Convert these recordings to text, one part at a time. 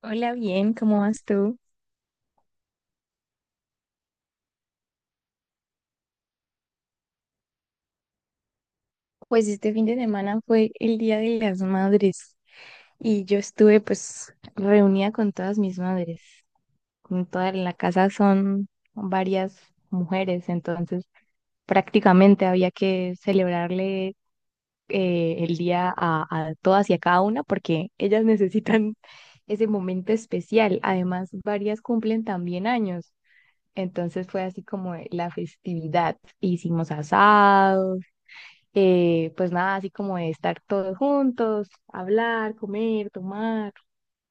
Hola, bien, ¿cómo vas tú? Pues este fin de semana fue el Día de las Madres y yo estuve pues reunida con todas mis madres. Con toda en la casa son varias mujeres, entonces prácticamente había que celebrarle el día a todas y a cada una porque ellas necesitan ese momento especial. Además, varias cumplen también años. Entonces fue así como la festividad. Hicimos asados pues nada, así como de estar todos juntos, hablar, comer, tomar,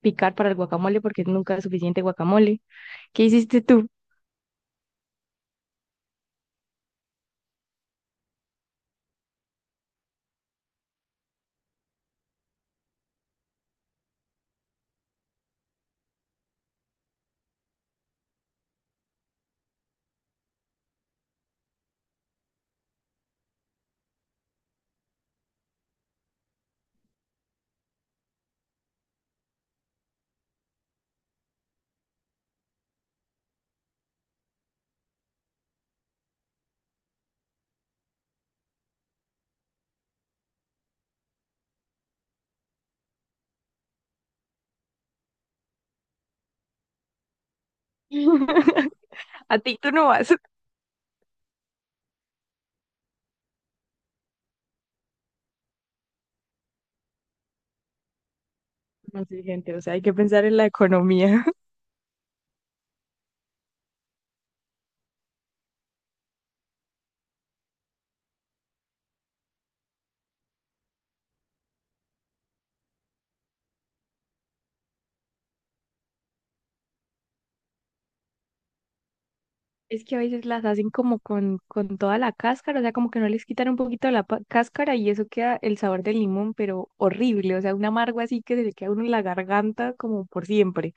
picar para el guacamole, porque nunca es suficiente guacamole. ¿Qué hiciste tú? A ti tú no vas. No sé, gente, o sea, hay que pensar en la economía. Es que a veces las hacen como con toda la cáscara, o sea, como que no les quitan un poquito la cáscara y eso queda el sabor del limón, pero horrible, o sea, un amargo así que se le queda a uno en la garganta como por siempre.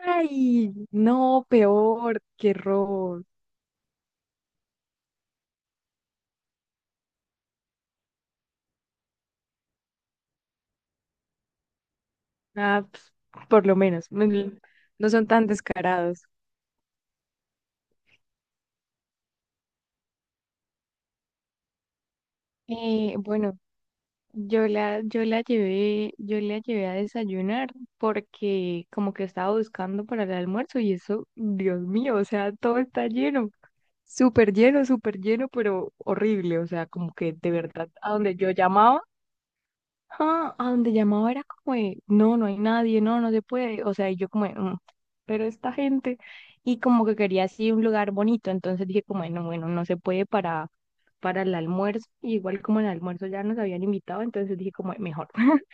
Ay, no, peor, qué horror. Ah, pues, por lo menos, no son tan descarados. Bueno, yo la llevé a desayunar porque como que estaba buscando para el almuerzo y eso, Dios mío, o sea, todo está lleno, súper lleno, súper lleno, pero horrible, o sea, como que de verdad, a donde llamaba era como de, no, no hay nadie, no, no se puede, o sea, y yo como de, "Mm, pero esta gente, y como que quería así un lugar bonito, entonces dije como, de, no, bueno, no se puede para el almuerzo, y igual como en el almuerzo ya nos habían invitado, entonces dije como, de, mejor,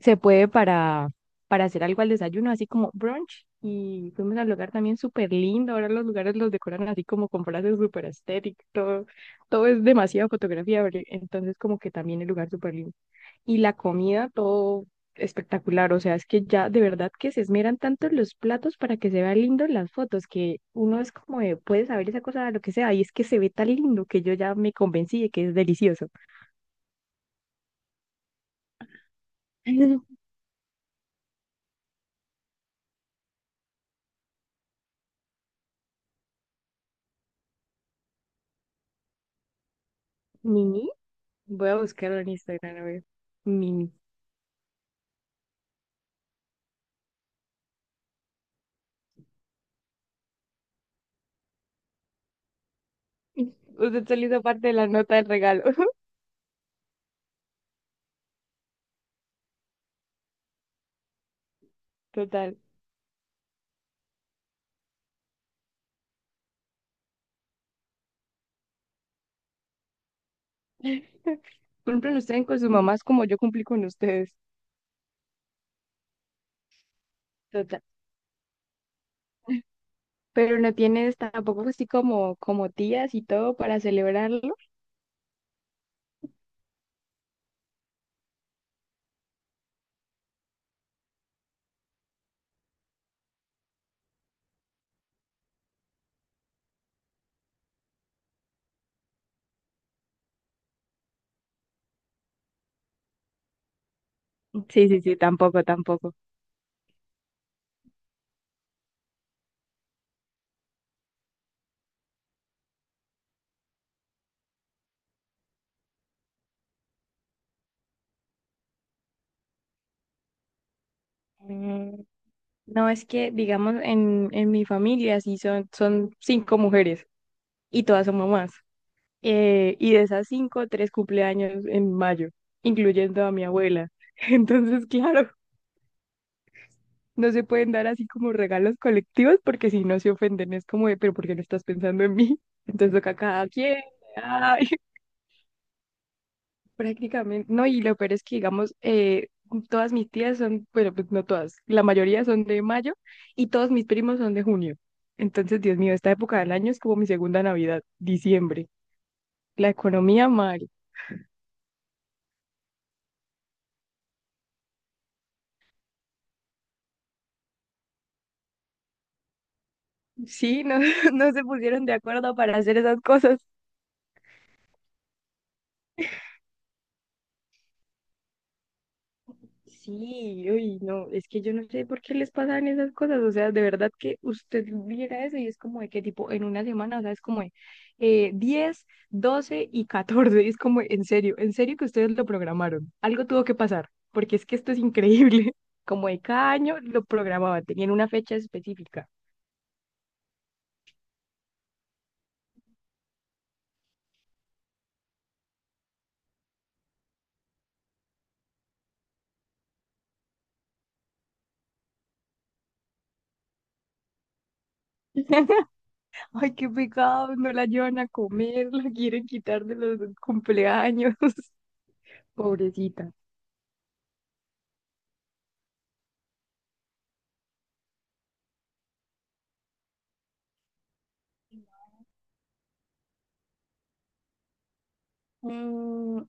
se puede para, hacer algo al desayuno, así como brunch, y fuimos al lugar también súper lindo, ahora los lugares los decoran así como con frases súper estéticas, todo es demasiada fotografía, ¿verdad? Entonces como que también el lugar súper lindo. Y la comida, todo espectacular. O sea, es que ya de verdad que se esmeran tanto en los platos para que se vean lindos las fotos, que uno es como de, puede saber esa cosa, lo que sea, y es que se ve tan lindo que yo ya me convencí de que es delicioso. Mini, voy a buscarlo en Instagram, a ver. Mini. Usted se le hizo parte de la nota del regalo. Total. Cumplen ustedes con sus mamás como yo cumplí con ustedes. Total. Pero no tienes tampoco así como tías y todo para celebrarlo. Sí, sí, sí, tampoco, tampoco. Mm, no, es que, digamos, en mi familia sí son cinco mujeres y todas son mamás. Y de esas cinco, tres cumpleaños en mayo, incluyendo a mi abuela. Entonces, claro, no se pueden dar así como regalos colectivos porque si no se ofenden es como de, pero ¿por qué no estás pensando en mí? Entonces toca a cada quien. Prácticamente, no, y lo peor es que, digamos, todas mis tías son, bueno, pues no todas, la mayoría son de mayo y todos mis primos son de junio. Entonces, Dios mío, esta época del año es como mi segunda Navidad, diciembre. La economía mal. Sí, no, no se pusieron de acuerdo para hacer esas cosas. Sí, uy, no, es que yo no sé por qué les pasan esas cosas, o sea, de verdad que usted viera eso y es como de que tipo en una semana, o sea, es como de 10, 12 y 14, es como en serio que ustedes lo programaron, algo tuvo que pasar, porque es que esto es increíble, como de cada año lo programaban, tenían una fecha específica. Ay, qué pecado, no la llevan a comer, la quieren quitar de los cumpleaños, pobrecita. Mm,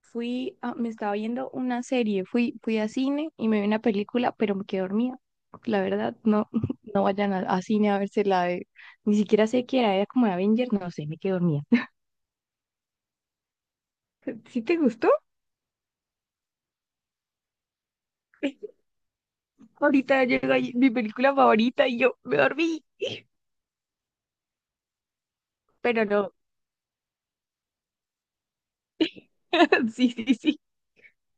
Fui, me estaba viendo una serie, fui a cine y me vi una película, pero me quedé dormida. La verdad, no, no vayan a cine a verse la de, ni siquiera sé qué era, era como de Avenger, no sé, me quedé dormida. ¿Sí te gustó? Ahorita llega ahí mi película favorita y yo me dormí, pero no, sí, sí, sí.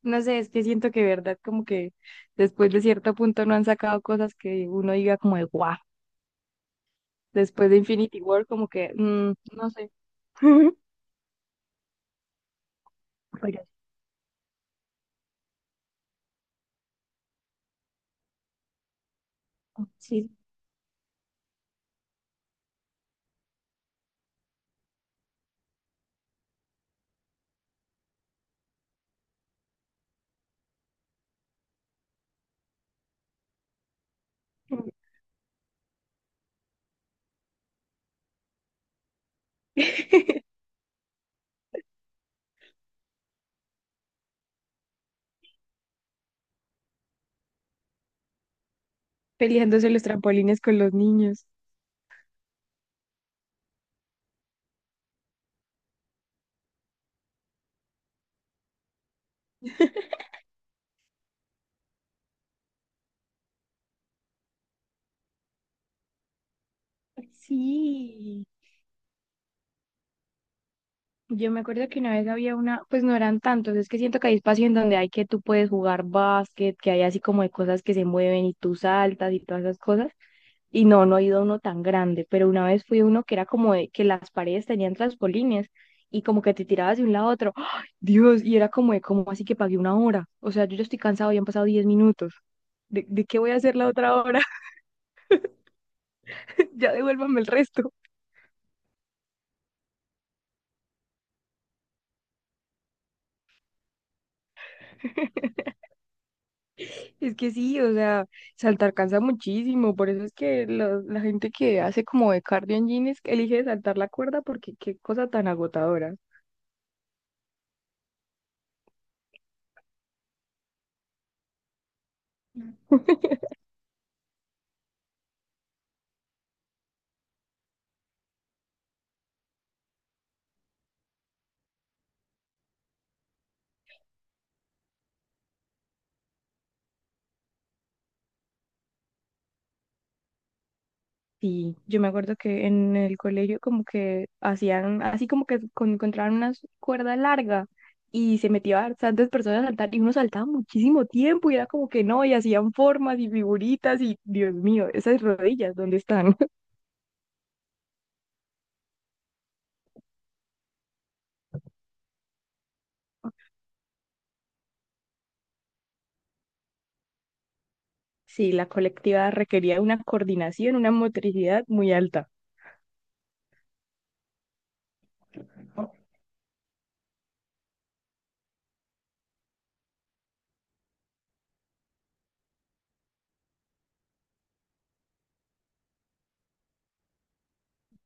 No sé, es que siento que verdad como que después de cierto punto no han sacado cosas que uno diga como de guau. Después de Infinity War como que, no sé. Pero sí, peleándose los trampolines con los niños. Sí, yo me acuerdo que una vez había una, pues no eran tantos, es que siento que hay espacio en donde hay que tú puedes jugar básquet, que hay así como de cosas que se mueven y tú saltas y todas esas cosas, y no he ido a uno tan grande, pero una vez fui a uno que era como de que las paredes tenían trampolines y como que te tirabas de un lado a otro, ¡ay, Dios! Y era como de, como así que pagué una hora, o sea, yo ya estoy cansado, ya han pasado 10 minutos, ¿de qué voy a hacer la otra hora? Ya devuélvame el resto. Es que sí, o sea, saltar cansa muchísimo, por eso es que lo- la gente que hace como de cardio en jeans elige saltar la cuerda porque qué cosa tan agotadora. Sí, yo me acuerdo que en el colegio como que hacían, así como que encontraban una cuerda larga y se metía bastantes personas a saltar y uno saltaba muchísimo tiempo y era como que no, y hacían formas y figuritas y Dios mío, esas rodillas, ¿dónde están? Sí, la colectiva requería una coordinación, una motricidad muy alta.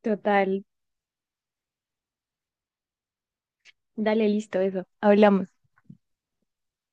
Total. Dale, listo, eso. Hablamos.